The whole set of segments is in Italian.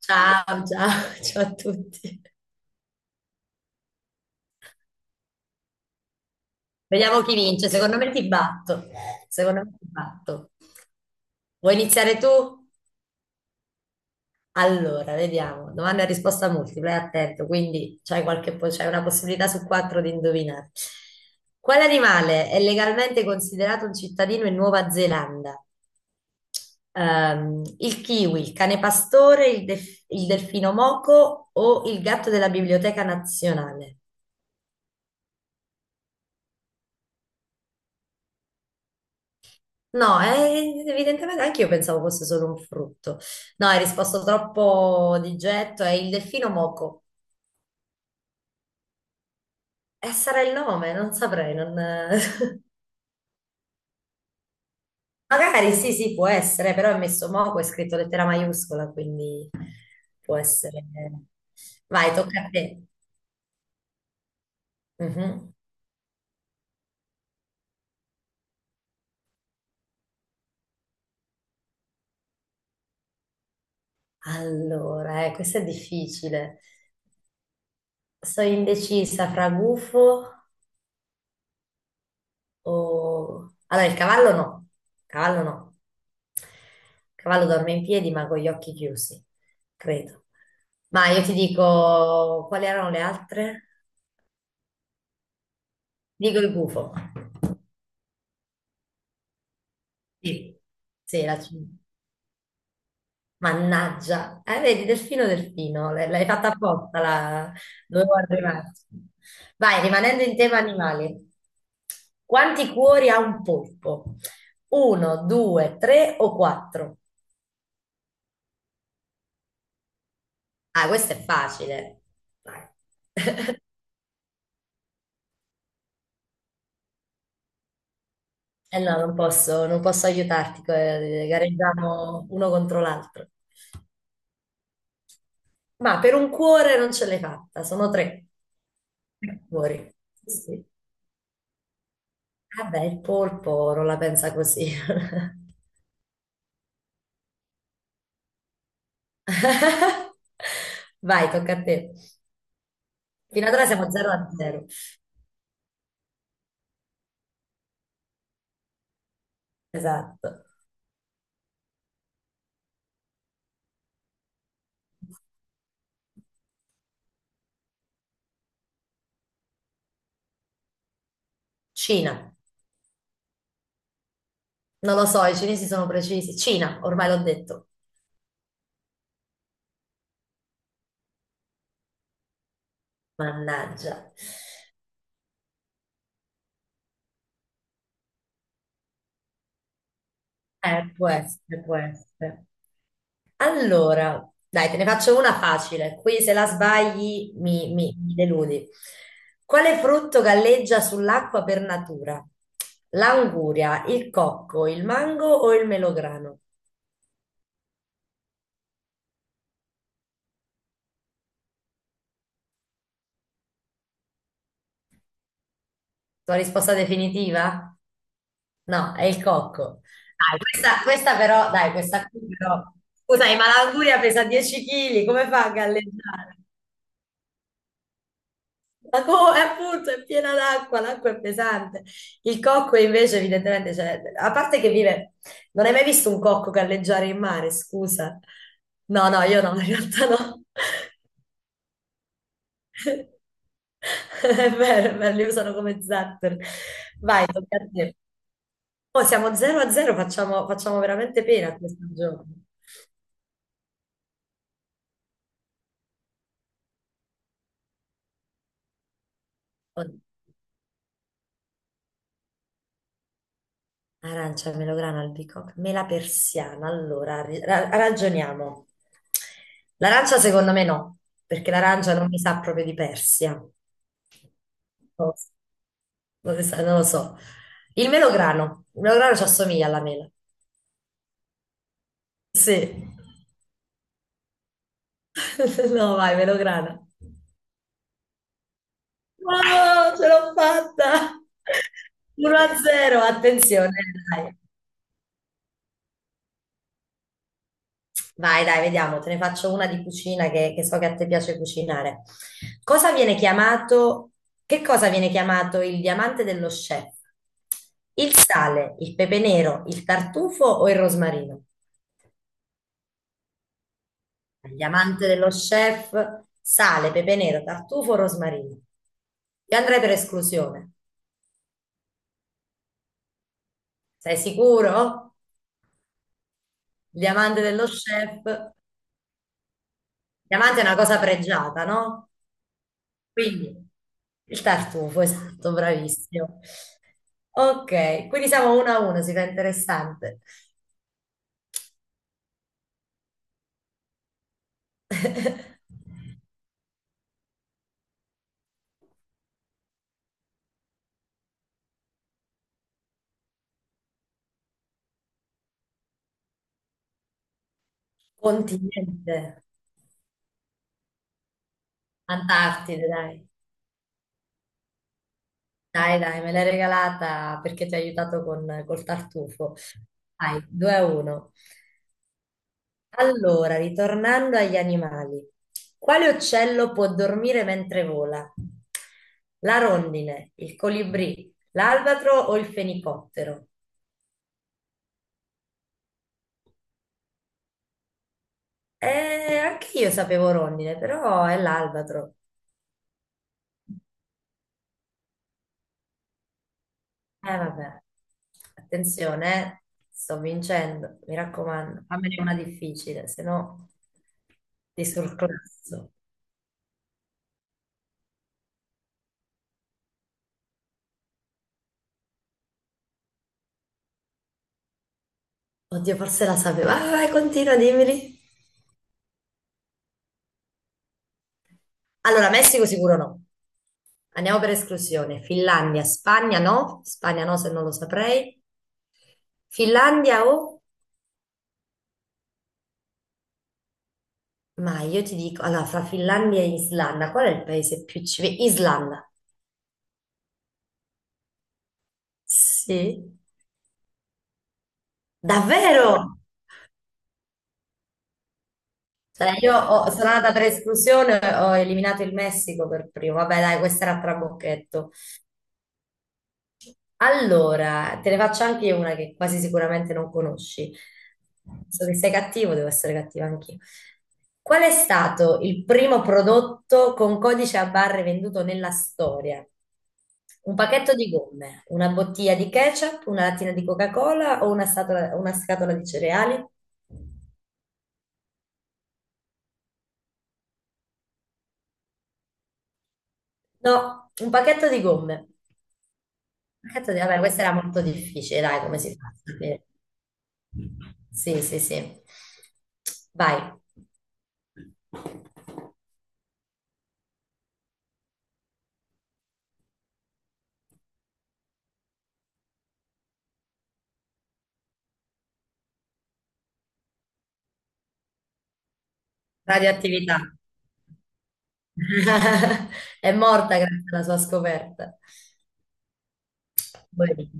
Ciao, ciao, ciao a tutti. Vediamo chi vince. Secondo me ti batto. Secondo me ti batto. Vuoi iniziare tu? Allora, vediamo. Domanda e risposta multipla, è attento, quindi c'hai c'hai una possibilità su quattro di indovinare. Quale animale è legalmente considerato un cittadino in Nuova Zelanda? Il kiwi, il cane pastore, il delfino moco o il gatto della Biblioteca Nazionale? No, evidentemente anche io pensavo fosse solo un frutto. No, hai risposto troppo di getto. È il delfino moco. E sarà il nome, non saprei. Magari sì, sì, può essere, però è messo moco, è scritto lettera maiuscola, quindi può essere. Vai, tocca a te. Mhm. Allora, questo è difficile. Sono indecisa fra gufo. Allora, il cavallo no, cavallo no. Il cavallo dorme in piedi ma con gli occhi chiusi, credo. Ma io ti dico, quali erano le altre? Dico il gufo. Sì, sì, Mannaggia, vedi, delfino, delfino, l'hai fatta apposta, la... dovevo arrivarci. Vai, rimanendo in tema animali, quanti cuori ha un polpo? Uno, due, tre o quattro? Ah, questo è facile. Dai. Eh no, non posso, non posso aiutarti, gareggiamo uno contro l'altro. Ma per un cuore non ce l'hai fatta, sono tre. Tre cuori. Sì, sì. Vabbè, il polpo non la pensa così. Vai, tocca a te. Fino ad ora siamo 0 a 0. Esatto. Cina. Non lo so, i cinesi sono precisi. Cina, ormai l'ho detto. Mannaggia. Può essere, può essere. Allora, dai, te ne faccio una facile. Qui se la sbagli mi deludi. Quale frutto galleggia sull'acqua per natura? L'anguria, il cocco, il mango o il melograno? Tua risposta definitiva? No, è il cocco. Dai, questa però, dai, questa qui però. Scusami, ma l'anguria pesa 10 kg, come fa a galleggiare? È appunto, è piena d'acqua, l'acqua è pesante. Il cocco invece, evidentemente, cioè, a parte che vive, non hai mai visto un cocco galleggiare in mare, scusa. No, no, io no, in realtà no. È vero, li usano come zattero. Vai, tocca a te. Oh, siamo 0 a 0, facciamo, facciamo veramente pena a questo gioco. Arancia, melograno, albicocca, mela persiana. Allora, ragioniamo. L'arancia secondo me no, perché l'arancia non mi sa proprio di Persia. Non lo so. Non lo so. Non lo so. Il melograno. Il melograno ci assomiglia alla mela. Sì. No, vai, melograno. No, ce l'ho fatta! 1-0, attenzione, dai. Vai, dai, vediamo, te ne faccio una di cucina che so che a te piace cucinare. Cosa viene chiamato, che cosa viene chiamato il diamante dello chef? Il sale, il pepe nero, il tartufo o il rosmarino? Il diamante dello chef, sale, pepe nero, tartufo, rosmarino. Io andrei per esclusione. Sei sicuro? Il diamante dello chef. Il diamante è una cosa pregiata, no? Quindi il tartufo, esatto, bravissimo. Ok, quindi siamo uno a uno, si fa interessante. Continente, Antartide, dai. Dai, dai, me l'hai regalata perché ti ho aiutato con, col tartufo. Dai, 2 a 1. Allora, ritornando agli animali. Quale uccello può dormire mentre vola? La rondine, il colibrì, l'albatro o il fenicottero? Anche io sapevo rondine, però è l'albatro. Eh vabbè, attenzione, eh. Sto vincendo, mi raccomando, fammene una difficile, se no ti surclasso. Oddio, forse la sapevo. Vai, vai, continua, dimmeli. Allora, Messico sicuro no. Andiamo per esclusione. Finlandia, Spagna no. Spagna no, se non lo saprei. Finlandia o... Ma io ti dico, allora, fra Finlandia e Islanda, qual è il paese più civile? Islanda. Sì. Davvero? Cioè, sono andata per esclusione, ho eliminato il Messico per primo. Vabbè, dai, questa era a trabocchetto. Allora, te ne faccio anche una che quasi sicuramente non conosci. So che sei cattivo, devo essere cattiva anch'io. Qual è stato il primo prodotto con codice a barre venduto nella storia? Un pacchetto di gomme, una bottiglia di ketchup, una lattina di Coca-Cola o una scatola di cereali? No, un pacchetto di gomme. Cazzo, vabbè, questa era molto difficile, dai, come si fa? A sapere? Sì, sì, sì. Vai. Radioattività. È morta grazie alla sua scoperta. Poi-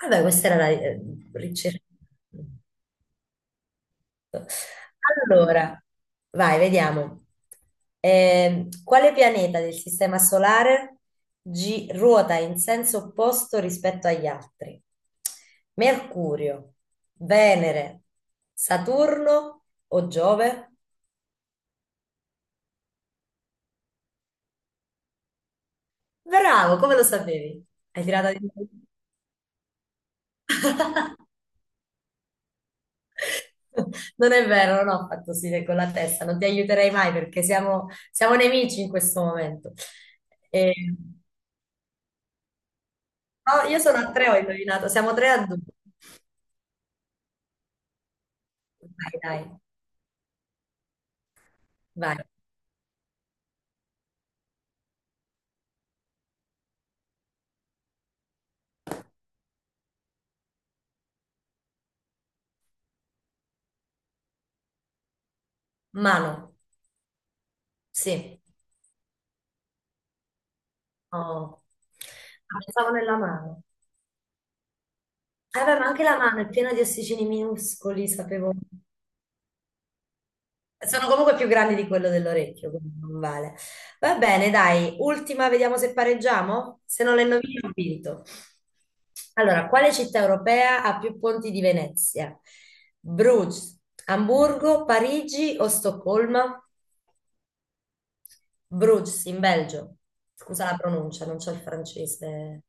Vabbè, questa era la ricerca. Allora, vai, vediamo. Quale pianeta del Sistema Solare ruota in senso opposto rispetto agli altri? Mercurio, Venere, Saturno o Giove? Bravo, come lo sapevi? Hai tirato di... Non è vero, non ho fatto sì con la testa, non ti aiuterei mai perché siamo, siamo nemici in questo momento. E- no, io sono a tre, ho indovinato, siamo tre a due. Vai, dai, vai. Mano, sì. Oh. Ah, pensavo nella mano. Beh, ma anche la mano è piena di ossicini minuscoli, sapevo. Sono comunque più grandi di quello dell'orecchio, quindi non vale. Va bene, dai, ultima, vediamo se pareggiamo. Se non le indovini, ho vinto. Allora, quale città europea ha più ponti di Venezia? Bruges, Amburgo, Parigi o Stoccolma? Bruges, in Belgio. Scusa la pronuncia, non c'è il francese.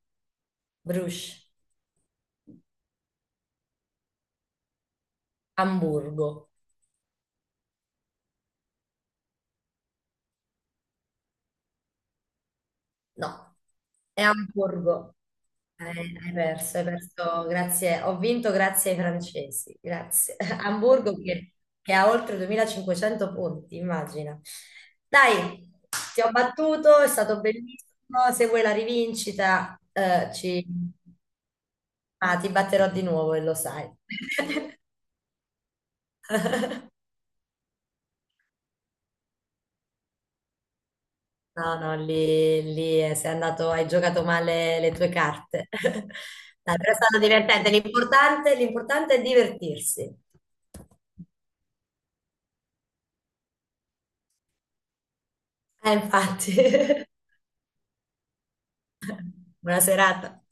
Bruges, Amburgo. No, è Amburgo. Hai perso, hai perso. Grazie. Ho vinto grazie ai francesi. Grazie. Amburgo che ha oltre 2.500 punti, immagina. Dai, ti ho battuto, è stato bellissimo. Se vuoi la rivincita, ci... ah, ti batterò di nuovo e lo sai. No, no, lì, lì sei andato, hai giocato male le tue carte. Dai, però è stato divertente. L'importante è divertirsi. Infatti, buona serata.